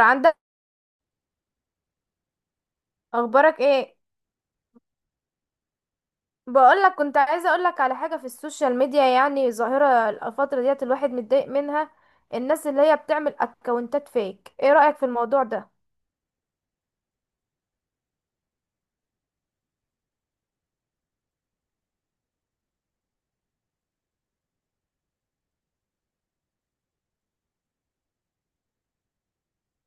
عندك، اخبارك ايه؟ بقول لك كنت عايزه اقول لك على حاجه في السوشيال ميديا، يعني ظاهره الفتره ديت الواحد متضايق منها. الناس اللي هي بتعمل اكونتات فيك، ايه رايك في الموضوع ده؟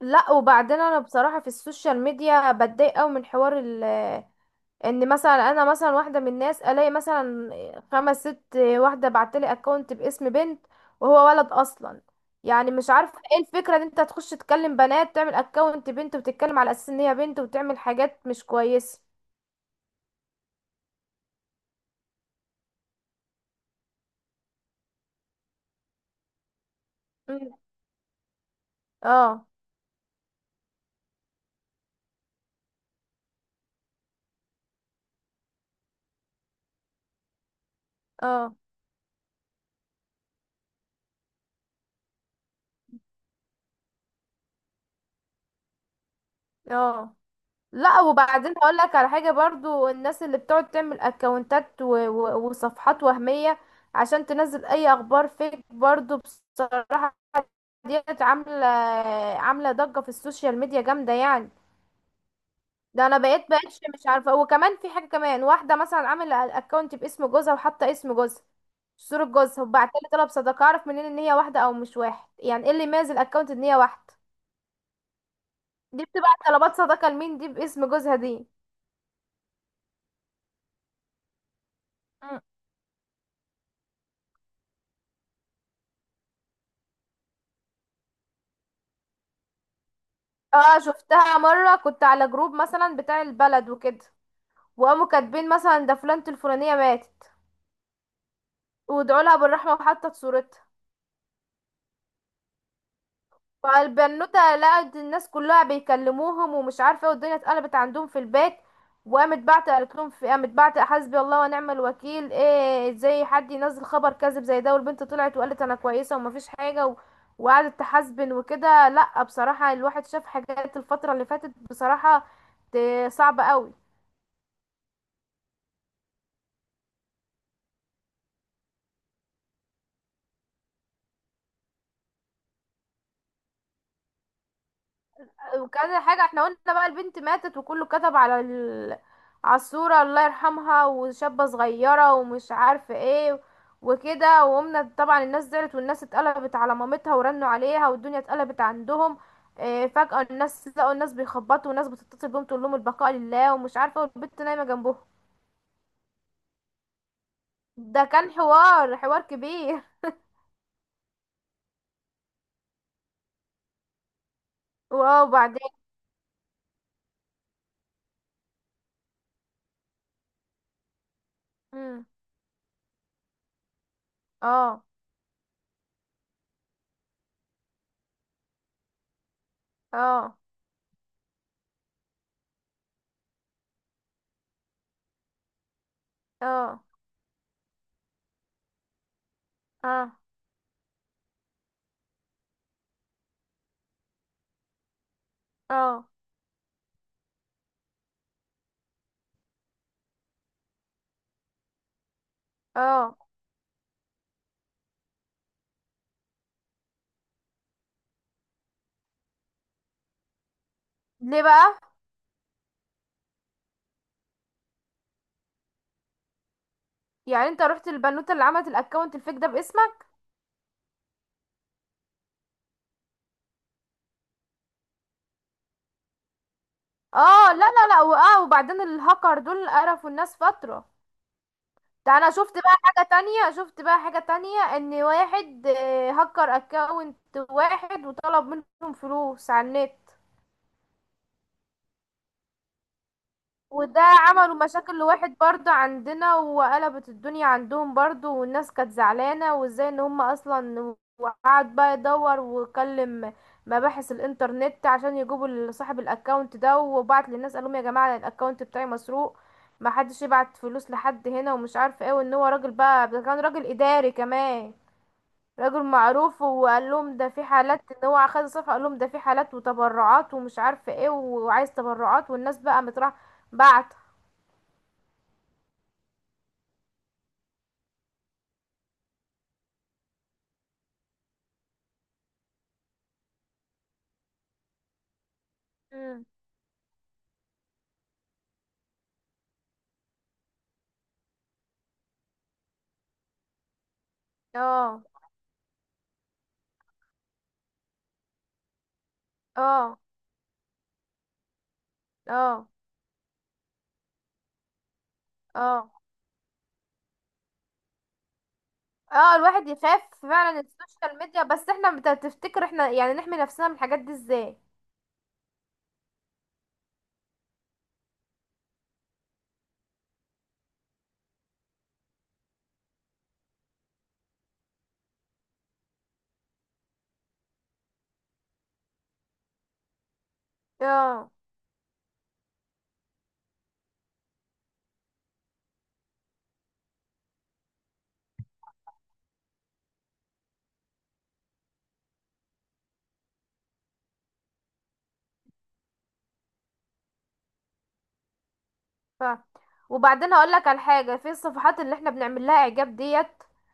لا وبعدين انا بصراحه في السوشيال ميديا بتضايق قوي من حوار ان مثلا، انا مثلا واحده من الناس الاقي مثلا خمس ست واحده بعتلي اكونت باسم بنت وهو ولد اصلا. يعني مش عارفه ايه الفكره ان انت تخش تكلم بنات، تعمل اكونت بنت وتتكلم على اساس ان هي بنت وتعمل حاجات مش كويسه. مم. اه. اه. اه. لا وبعدين هقول لك على حاجه برضو، الناس اللي بتقعد تعمل اكونتات وصفحات وهميه عشان تنزل اي اخبار فيك برضو بصراحه. ديت عامله، عامله ضجه في السوشيال ميديا جامده يعني. ده انا بقيتش مش عارفه. وكمان في حاجه، كمان واحده مثلا عامله الاكونت باسم جوزها وحاطه اسم جوزها، صوره جوزها، وبعت لي طلب صداقه. اعرف منين ان هي واحده او مش واحد؟ يعني ايه اللي يميز الاكونت ان هي واحده؟ دي بتبعت طلبات صداقة لمين دي باسم جوزها دي؟ مم. اه شفتها مرة، كنت على جروب مثلا بتاع البلد وكده وقاموا كاتبين مثلا ده فلانة الفلانية ماتت وادعوا لها بالرحمة وحطت صورتها، فالبنوتة لقت الناس كلها بيكلموهم ومش عارفة ايه والدنيا اتقلبت عندهم في البيت. وقامت بعت، قالت لهم في، قامت بعت حسبي الله ونعم الوكيل، ايه ازاي حد ينزل خبر كاذب زي ده؟ والبنت طلعت وقالت انا كويسة ومفيش حاجة وقعدت تحاسبن وكده. لا بصراحة الواحد شاف حاجات الفترة اللي فاتت بصراحة صعبة قوي. وكذا حاجة، احنا قلنا بقى البنت ماتت وكله كتب على على الصورة الله يرحمها وشابة صغيرة ومش عارفة ايه وكده، وقمنا طبعا الناس زعلت والناس اتقلبت على مامتها ورنوا عليها والدنيا اتقلبت عندهم. اه فجأة الناس لقوا الناس بيخبطوا والناس بتتصل بيهم تقول لهم البقاء لله ومش عارفة، والبنت نايمة جنبهم. ده كان حوار كبير. واو وبعدين. مم. اه. اه. اه. اه. اه. اه. ليه بقى؟ يعني انت رحت البنوتة اللي عملت الاكونت الفيك ده باسمك؟ اه لا لا لا. واه وبعدين الهاكر دول قرفوا الناس فترة، ده انا شفت بقى حاجة تانية. شفت بقى حاجة تانية ان واحد هكر اكونت واحد وطلب منهم فلوس على النت. وده عملوا مشاكل لواحد برضه عندنا وقلبت الدنيا عندهم برضه، والناس كانت زعلانة وازاي ان هم اصلا. وقعد بقى يدور وكلم مباحث الانترنت عشان يجيبوا صاحب الاكونت ده، وبعت للناس قالهم يا جماعة أنا الاكونت بتاعي مسروق، ما حدش يبعت فلوس لحد، هنا ومش عارف ايه. وان هو راجل بقى، ده كان راجل اداري كمان، راجل معروف. وقال لهم ده في حالات، ان هو اخد الصفحة قال لهم ده في حالات وتبرعات ومش عارف ايه وعايز تبرعات، والناس بقى متراح بعت. مم. اه. اه. اه. اه. اه. الواحد يخاف فعلا السوشيال ميديا. بس احنا تفتكر احنا يعني نحمي نفسنا من الحاجات دي ازاي؟ اه. ف وبعدين هقول لك على حاجه، في الصفحات اللي احنا بنعمل لها اعجاب ديت.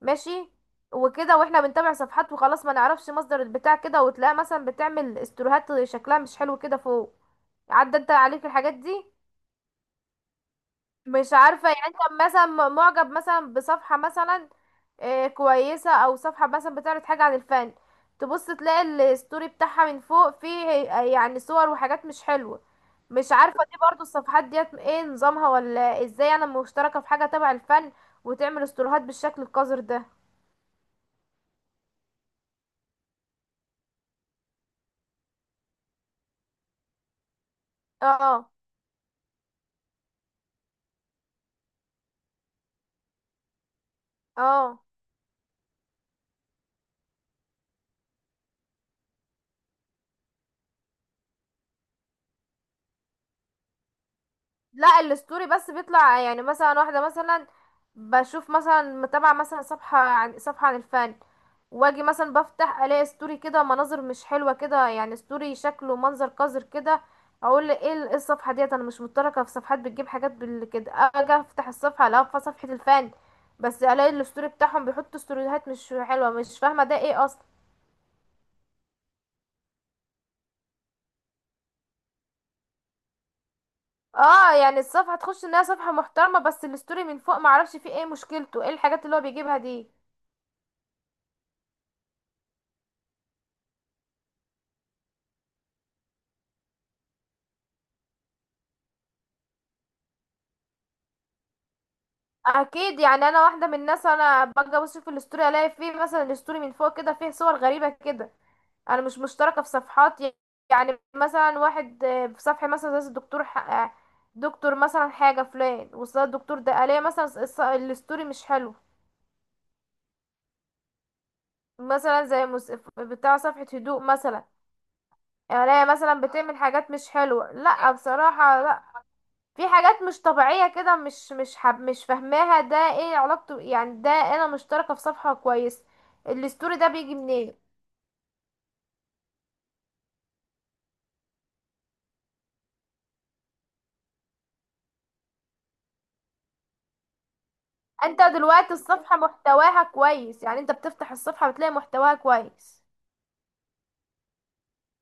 ماشي وكده، واحنا بنتابع صفحات وخلاص ما نعرفش مصدر البتاع كده، وتلاقيها مثلا بتعمل استوريهات شكلها مش حلو كده فوق. عدى انت عليك الحاجات دي؟ مش عارفة يعني انت مثلا معجب مثلا بصفحة مثلا كويسة، او صفحة مثلا بتعرض حاجة عن الفن، تبص تلاقي الستوري بتاعها من فوق فيه يعني صور وحاجات مش حلوة. مش عارفة دي برضو الصفحات ديت ايه نظامها ولا ازاي؟ انا مشتركة في حاجة تبع الفن وتعمل استوريهات بالشكل القذر ده؟ اه اه. اه. لا الستوري بس بيطلع، يعني مثلا واحدة مثلا بشوف مثلا متابعة مثلا صفحة، عن صفحة عن الفن، واجي مثلا بفتح الاقي ستوري كده مناظر مش حلوة كده، يعني ستوري شكله منظر قذر كده. اقول ايه إيه الصفحة ديت؟ انا مش متركة في صفحات بتجيب حاجات بال كده. اجي افتح الصفحة الاقي في صفحة الفن، بس الاقي الستوري بتاعهم بيحطوا ستوريهات مش حلوة، مش فاهمة ده ايه اصلا. اه يعني الصفحة تخش انها صفحة محترمة بس الستوري من فوق معرفش فيه ايه مشكلته، ايه الحاجات اللي هو بيجيبها دي؟ اكيد، يعني انا واحده من الناس انا باجي ابص في الاستوري الاقي فيه مثلا الاستوري من فوق كده فيه صور غريبه كده. انا مش مشتركه في صفحات يعني مثلا واحد في صفحه مثلا زي الدكتور دكتور مثلا حاجه فلان، وصل الدكتور ده الاقي مثلا الاستوري مش حلو. مثلا بتاع صفحه هدوء مثلا، الاقي مثلا بتعمل حاجات مش حلوه. لا بصراحه لا، في حاجات مش طبيعية كده، مش حب، مش فاهماها ده ايه علاقته؟ يعني ده انا مشتركة في صفحة كويس، الستوري ده بيجي منين؟ انت دلوقتي الصفحة محتواها كويس، يعني انت بتفتح الصفحة بتلاقي محتواها كويس،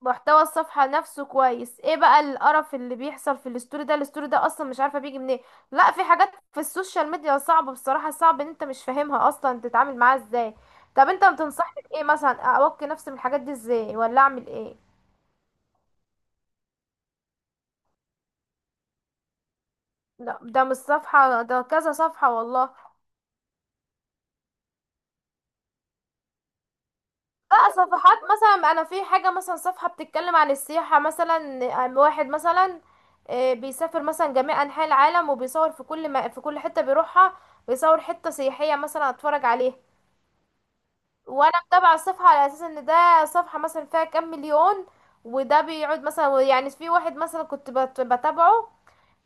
محتوى الصفحة نفسه كويس، ايه بقى القرف اللي بيحصل في الستوري ده؟ الستوري ده اصلا مش عارفة بيجي منين. لا في حاجات في السوشيال ميديا صعبة بصراحة، صعب ان انت مش فاهمها اصلا تتعامل معاها ازاي. طب انت بتنصحني بايه مثلا اوقي نفسي من الحاجات دي ازاي ولا اعمل ايه؟ لا ده مش صفحة، ده كذا صفحة والله. لا صفحات مثلا، انا في حاجة مثلا صفحة بتتكلم عن السياحة مثلا، عن واحد مثلا بيسافر مثلا جميع انحاء العالم وبيصور في كل، ما في كل حتة بيروحها بيصور حتة سياحية مثلا اتفرج عليها. وانا متابعة الصفحة على اساس ان ده صفحة مثلا فيها كام مليون. وده بيقعد مثلا، يعني في واحد مثلا كنت بتابعه،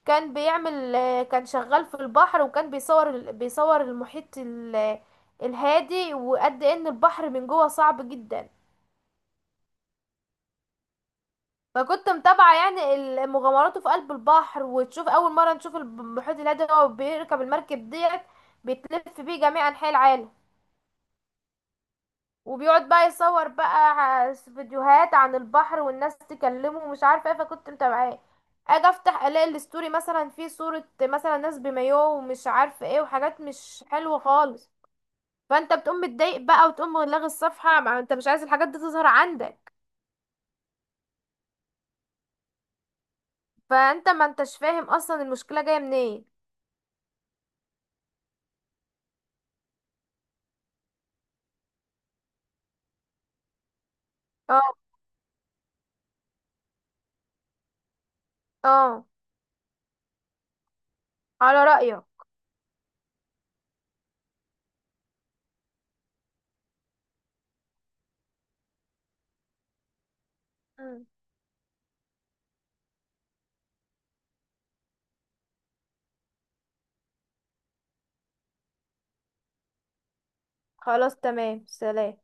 كان بيعمل كان شغال في البحر وكان بيصور بيصور المحيط الهادي، وقد ان البحر من جوه صعب جدا. فكنت متابعة يعني مغامراته في قلب البحر، وتشوف اول مرة نشوف المحيط الهادي، هو بيركب المركب ديت بيتلف بيه جميع انحاء العالم، وبيقعد بقى يصور بقى فيديوهات عن البحر والناس تكلمه ومش عارفه ايه، فكنت متابعاه. اجي افتح الاقي الستوري مثلا فيه صورة مثلا ناس بمايوه ومش عارفه ايه وحاجات مش حلوة خالص، فانت بتقوم متضايق بقى وتقوم لاغي الصفحة، ما انت مش عايز الحاجات دي تظهر عندك. فانت ما انتش فاهم اصلا المشكلة جاية منين. اه. اه. على رأيك. مم. خلاص تمام، سلام.